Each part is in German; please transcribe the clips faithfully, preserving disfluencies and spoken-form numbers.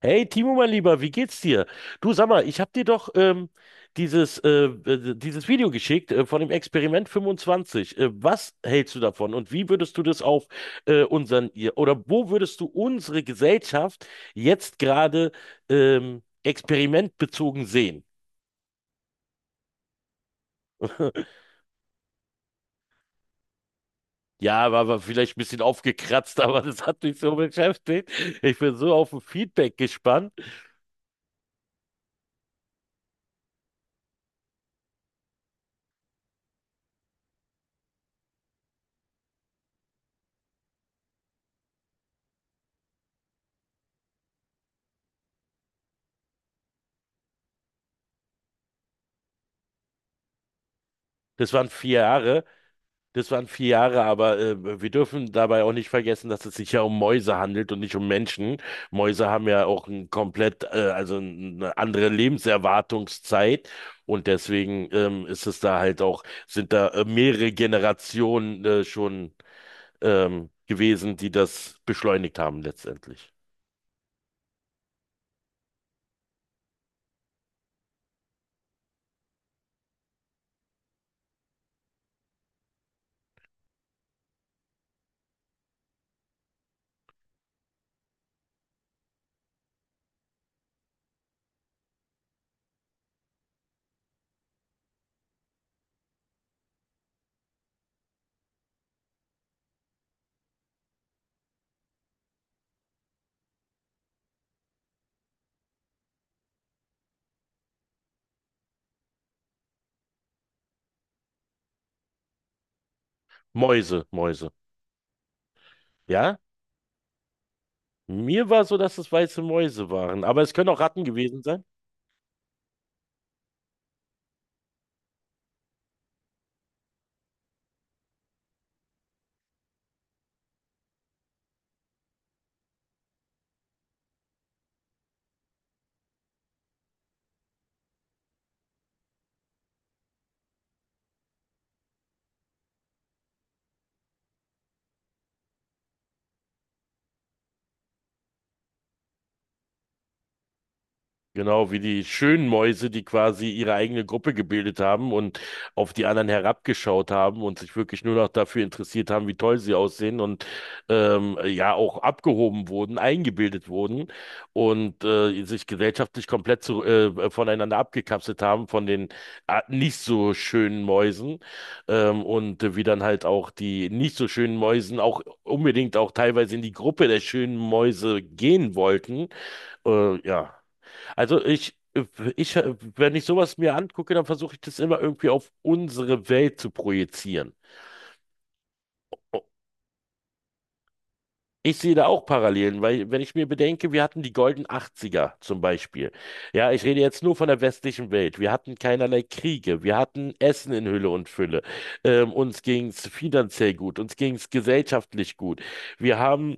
Hey Timo, mein Lieber, wie geht's dir? Du sag mal, ich hab dir doch ähm, dieses, äh, äh, dieses Video geschickt äh, von dem Experiment fünfundzwanzig. Äh, was hältst du davon und wie würdest du das auf äh, unseren ihr- oder wo würdest du unsere Gesellschaft jetzt gerade ähm, experimentbezogen sehen? Ja, war, war vielleicht ein bisschen aufgekratzt, aber das hat mich so beschäftigt. Ich bin so auf ein Feedback gespannt. Das waren vier Jahre. Das waren vier Jahre, aber äh, wir dürfen dabei auch nicht vergessen, dass es sich ja um Mäuse handelt und nicht um Menschen. Mäuse haben ja auch ein komplett, äh, also eine andere Lebenserwartungszeit, und deswegen ähm, ist es da halt auch, sind da äh, mehrere Generationen äh, schon ähm, gewesen, die das beschleunigt haben letztendlich. Mäuse, Mäuse. Ja? Mir war so, dass es weiße Mäuse waren, aber es können auch Ratten gewesen sein. Genau, wie die schönen Mäuse, die quasi ihre eigene Gruppe gebildet haben und auf die anderen herabgeschaut haben und sich wirklich nur noch dafür interessiert haben, wie toll sie aussehen, und ähm, ja auch abgehoben wurden, eingebildet wurden und äh, sich gesellschaftlich komplett zu, äh, voneinander abgekapselt haben von den äh, nicht so schönen Mäusen, ähm, und äh, wie dann halt auch die nicht so schönen Mäusen auch unbedingt auch teilweise in die Gruppe der schönen Mäuse gehen wollten. Äh, ja. Also ich, ich, wenn ich sowas mir angucke, dann versuche ich das immer irgendwie auf unsere Welt zu projizieren. Ich sehe da auch Parallelen, weil wenn ich mir bedenke, wir hatten die goldenen Achtziger zum Beispiel. Ja, ich rede jetzt nur von der westlichen Welt. Wir hatten keinerlei Kriege, wir hatten Essen in Hülle und Fülle. Ähm, uns ging es finanziell gut, uns ging es gesellschaftlich gut. Wir haben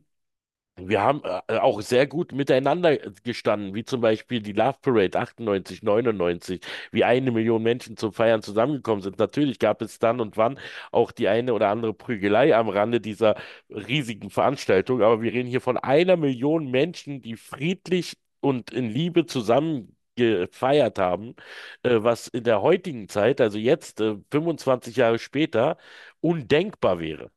Wir haben äh, auch sehr gut miteinander äh, gestanden, wie zum Beispiel die Love Parade achtundneunzig, neunundneunzig, wie eine Million Menschen zum Feiern zusammengekommen sind. Natürlich gab es dann und wann auch die eine oder andere Prügelei am Rande dieser riesigen Veranstaltung, aber wir reden hier von einer Million Menschen, die friedlich und in Liebe zusammen gefeiert haben, äh, was in der heutigen Zeit, also jetzt, äh, fünfundzwanzig Jahre später, undenkbar wäre.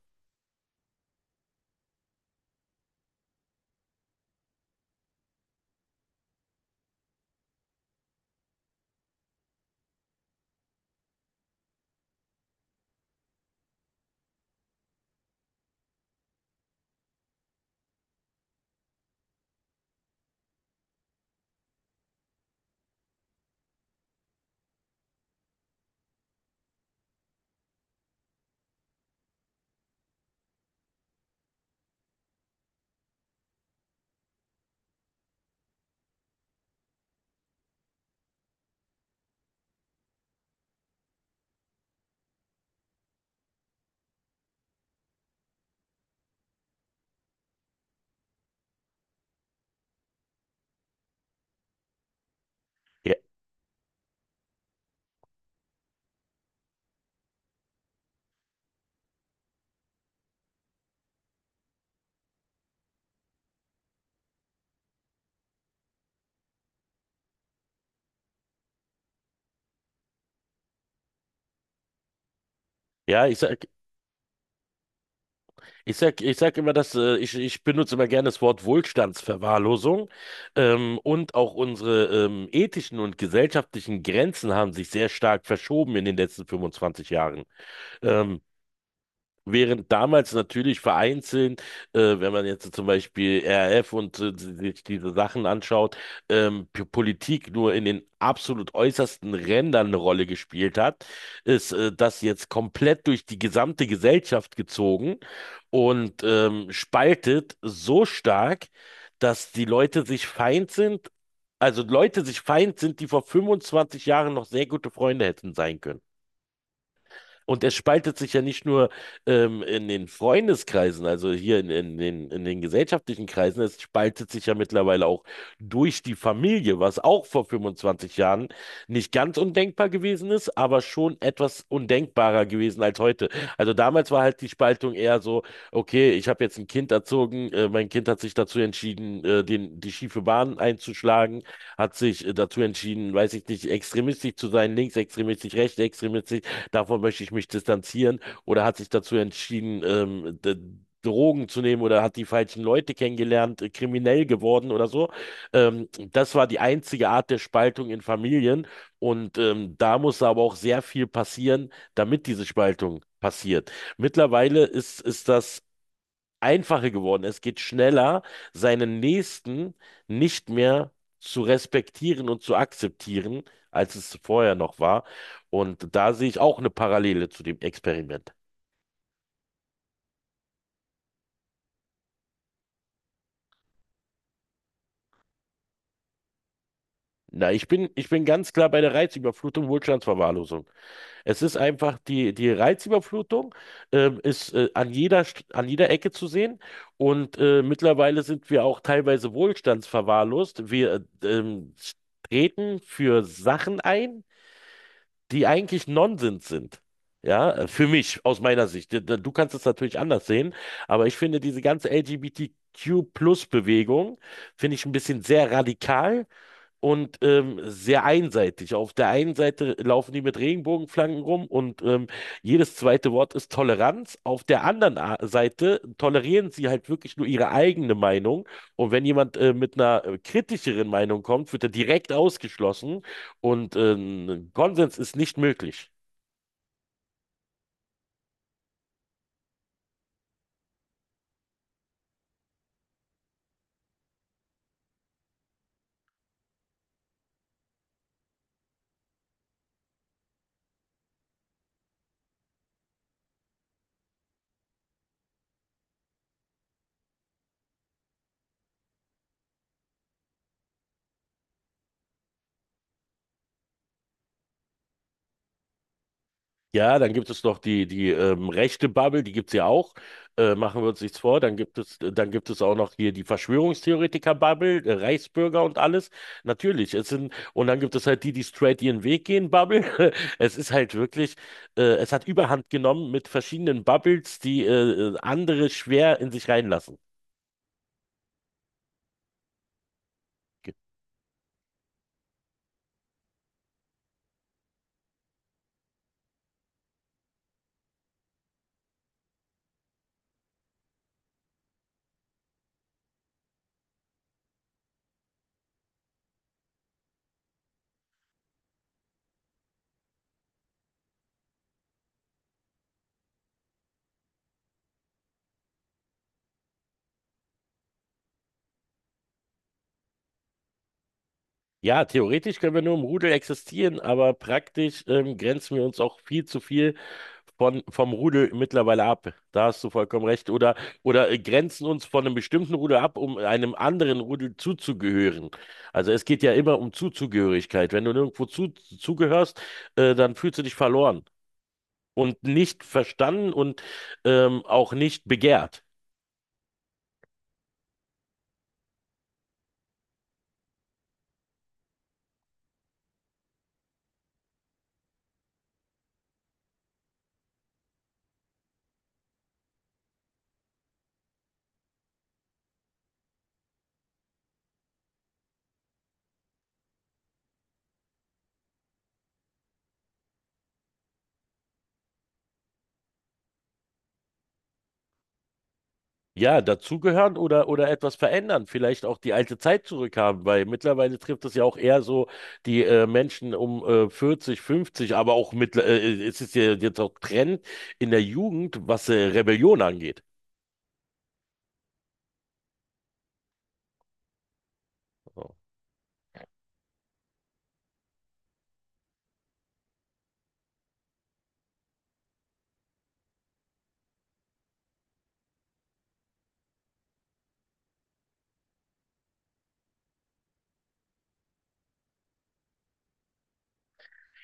Ja, ja, ich sag, Ich sag, ich sag immer, dass äh, ich, ich benutze immer gerne das Wort Wohlstandsverwahrlosung. Ähm, und auch unsere ähm, ethischen und gesellschaftlichen Grenzen haben sich sehr stark verschoben in den letzten fünfundzwanzig Jahren. Ähm, Während damals natürlich vereinzelt, äh, wenn man jetzt zum Beispiel Raff und äh, si, sich diese Sachen anschaut, ähm, P- Politik nur in den absolut äußersten Rändern eine Rolle gespielt hat, ist äh, das jetzt komplett durch die gesamte Gesellschaft gezogen und ähm, spaltet so stark, dass die Leute sich feind sind, also Leute sich feind sind, die vor fünfundzwanzig Jahren noch sehr gute Freunde hätten sein können. Und er spaltet sich ja nicht nur ähm, in den Freundeskreisen, also hier in, in den, in den gesellschaftlichen Kreisen, es spaltet sich ja mittlerweile auch durch die Familie, was auch vor fünfundzwanzig Jahren nicht ganz undenkbar gewesen ist, aber schon etwas undenkbarer gewesen als heute. Also damals war halt die Spaltung eher so: Okay, ich habe jetzt ein Kind erzogen, äh, mein Kind hat sich dazu entschieden, äh, den, die schiefe Bahn einzuschlagen, hat sich äh, dazu entschieden, weiß ich nicht, extremistisch zu sein, linksextremistisch, rechtsextremistisch, davon möchte ich mich distanzieren, oder hat sich dazu entschieden, ähm, d- Drogen zu nehmen oder hat die falschen Leute kennengelernt, äh, kriminell geworden oder so. Ähm, das war die einzige Art der Spaltung in Familien, und ähm, da muss aber auch sehr viel passieren, damit diese Spaltung passiert. Mittlerweile ist, ist das einfacher geworden. Es geht schneller, seinen Nächsten nicht mehr zu respektieren und zu akzeptieren, als es vorher noch war. Und da sehe ich auch eine Parallele zu dem Experiment. Na, ich bin, ich bin ganz klar bei der Reizüberflutung, Wohlstandsverwahrlosung. Es ist einfach, die, die Reizüberflutung ähm, ist äh, an jeder, St- an jeder Ecke zu sehen. Und äh, mittlerweile sind wir auch teilweise wohlstandsverwahrlost. Wir äh, ähm, treten für Sachen ein, die eigentlich Nonsens sind. Ja, äh, für mich, aus meiner Sicht. Du du kannst es natürlich anders sehen, aber ich finde diese ganze L G B T Q-Plus-Bewegung, finde ich ein bisschen sehr radikal und ähm, sehr einseitig. Auf der einen Seite laufen die mit Regenbogenflaggen rum und ähm, jedes zweite Wort ist Toleranz. Auf der anderen A- Seite tolerieren sie halt wirklich nur ihre eigene Meinung. Und wenn jemand äh, mit einer äh, kritischeren Meinung kommt, wird er direkt ausgeschlossen, und ähm, Konsens ist nicht möglich. Ja, dann gibt es noch die, die ähm, rechte Bubble, die gibt's ja auch. Äh, machen wir uns nichts vor. Dann gibt es, dann gibt es auch noch hier die Verschwörungstheoretiker-Bubble, äh, Reichsbürger und alles. Natürlich. Es sind, und dann gibt es halt die, die straight ihren Weg gehen, Bubble. Es ist halt wirklich, äh, es hat Überhand genommen mit verschiedenen Bubbles, die äh, äh, andere schwer in sich reinlassen. Ja, theoretisch können wir nur im Rudel existieren, aber praktisch ähm, grenzen wir uns auch viel zu viel von, vom Rudel mittlerweile ab. Da hast du vollkommen recht. Oder, oder äh, grenzen uns von einem bestimmten Rudel ab, um einem anderen Rudel zuzugehören. Also es geht ja immer um Zuzugehörigkeit. Wenn du nirgendwo zu, zugehörst, äh, dann fühlst du dich verloren und nicht verstanden und ähm, auch nicht begehrt. Ja, dazugehören oder, oder etwas verändern, vielleicht auch die alte Zeit zurückhaben, weil mittlerweile trifft es ja auch eher so die äh, Menschen um äh, vierzig, fünfzig, aber auch mit, äh, äh, es ist ja jetzt auch Trend in der Jugend, was äh, Rebellion angeht. So.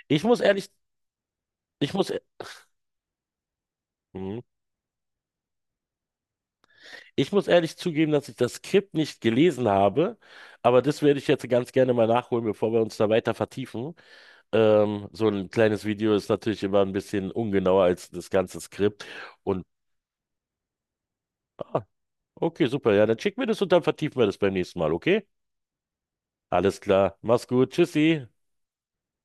Ich muss ehrlich, ich muss, e- Mhm. ich muss ehrlich zugeben, dass ich das Skript nicht gelesen habe, aber das werde ich jetzt ganz gerne mal nachholen, bevor wir uns da weiter vertiefen. Ähm, so ein kleines Video ist natürlich immer ein bisschen ungenauer als das ganze Skript. und Okay, super. Ja, dann schick mir das und dann vertiefen wir das beim nächsten Mal, okay? Alles klar. Mach's gut. Tschüssi.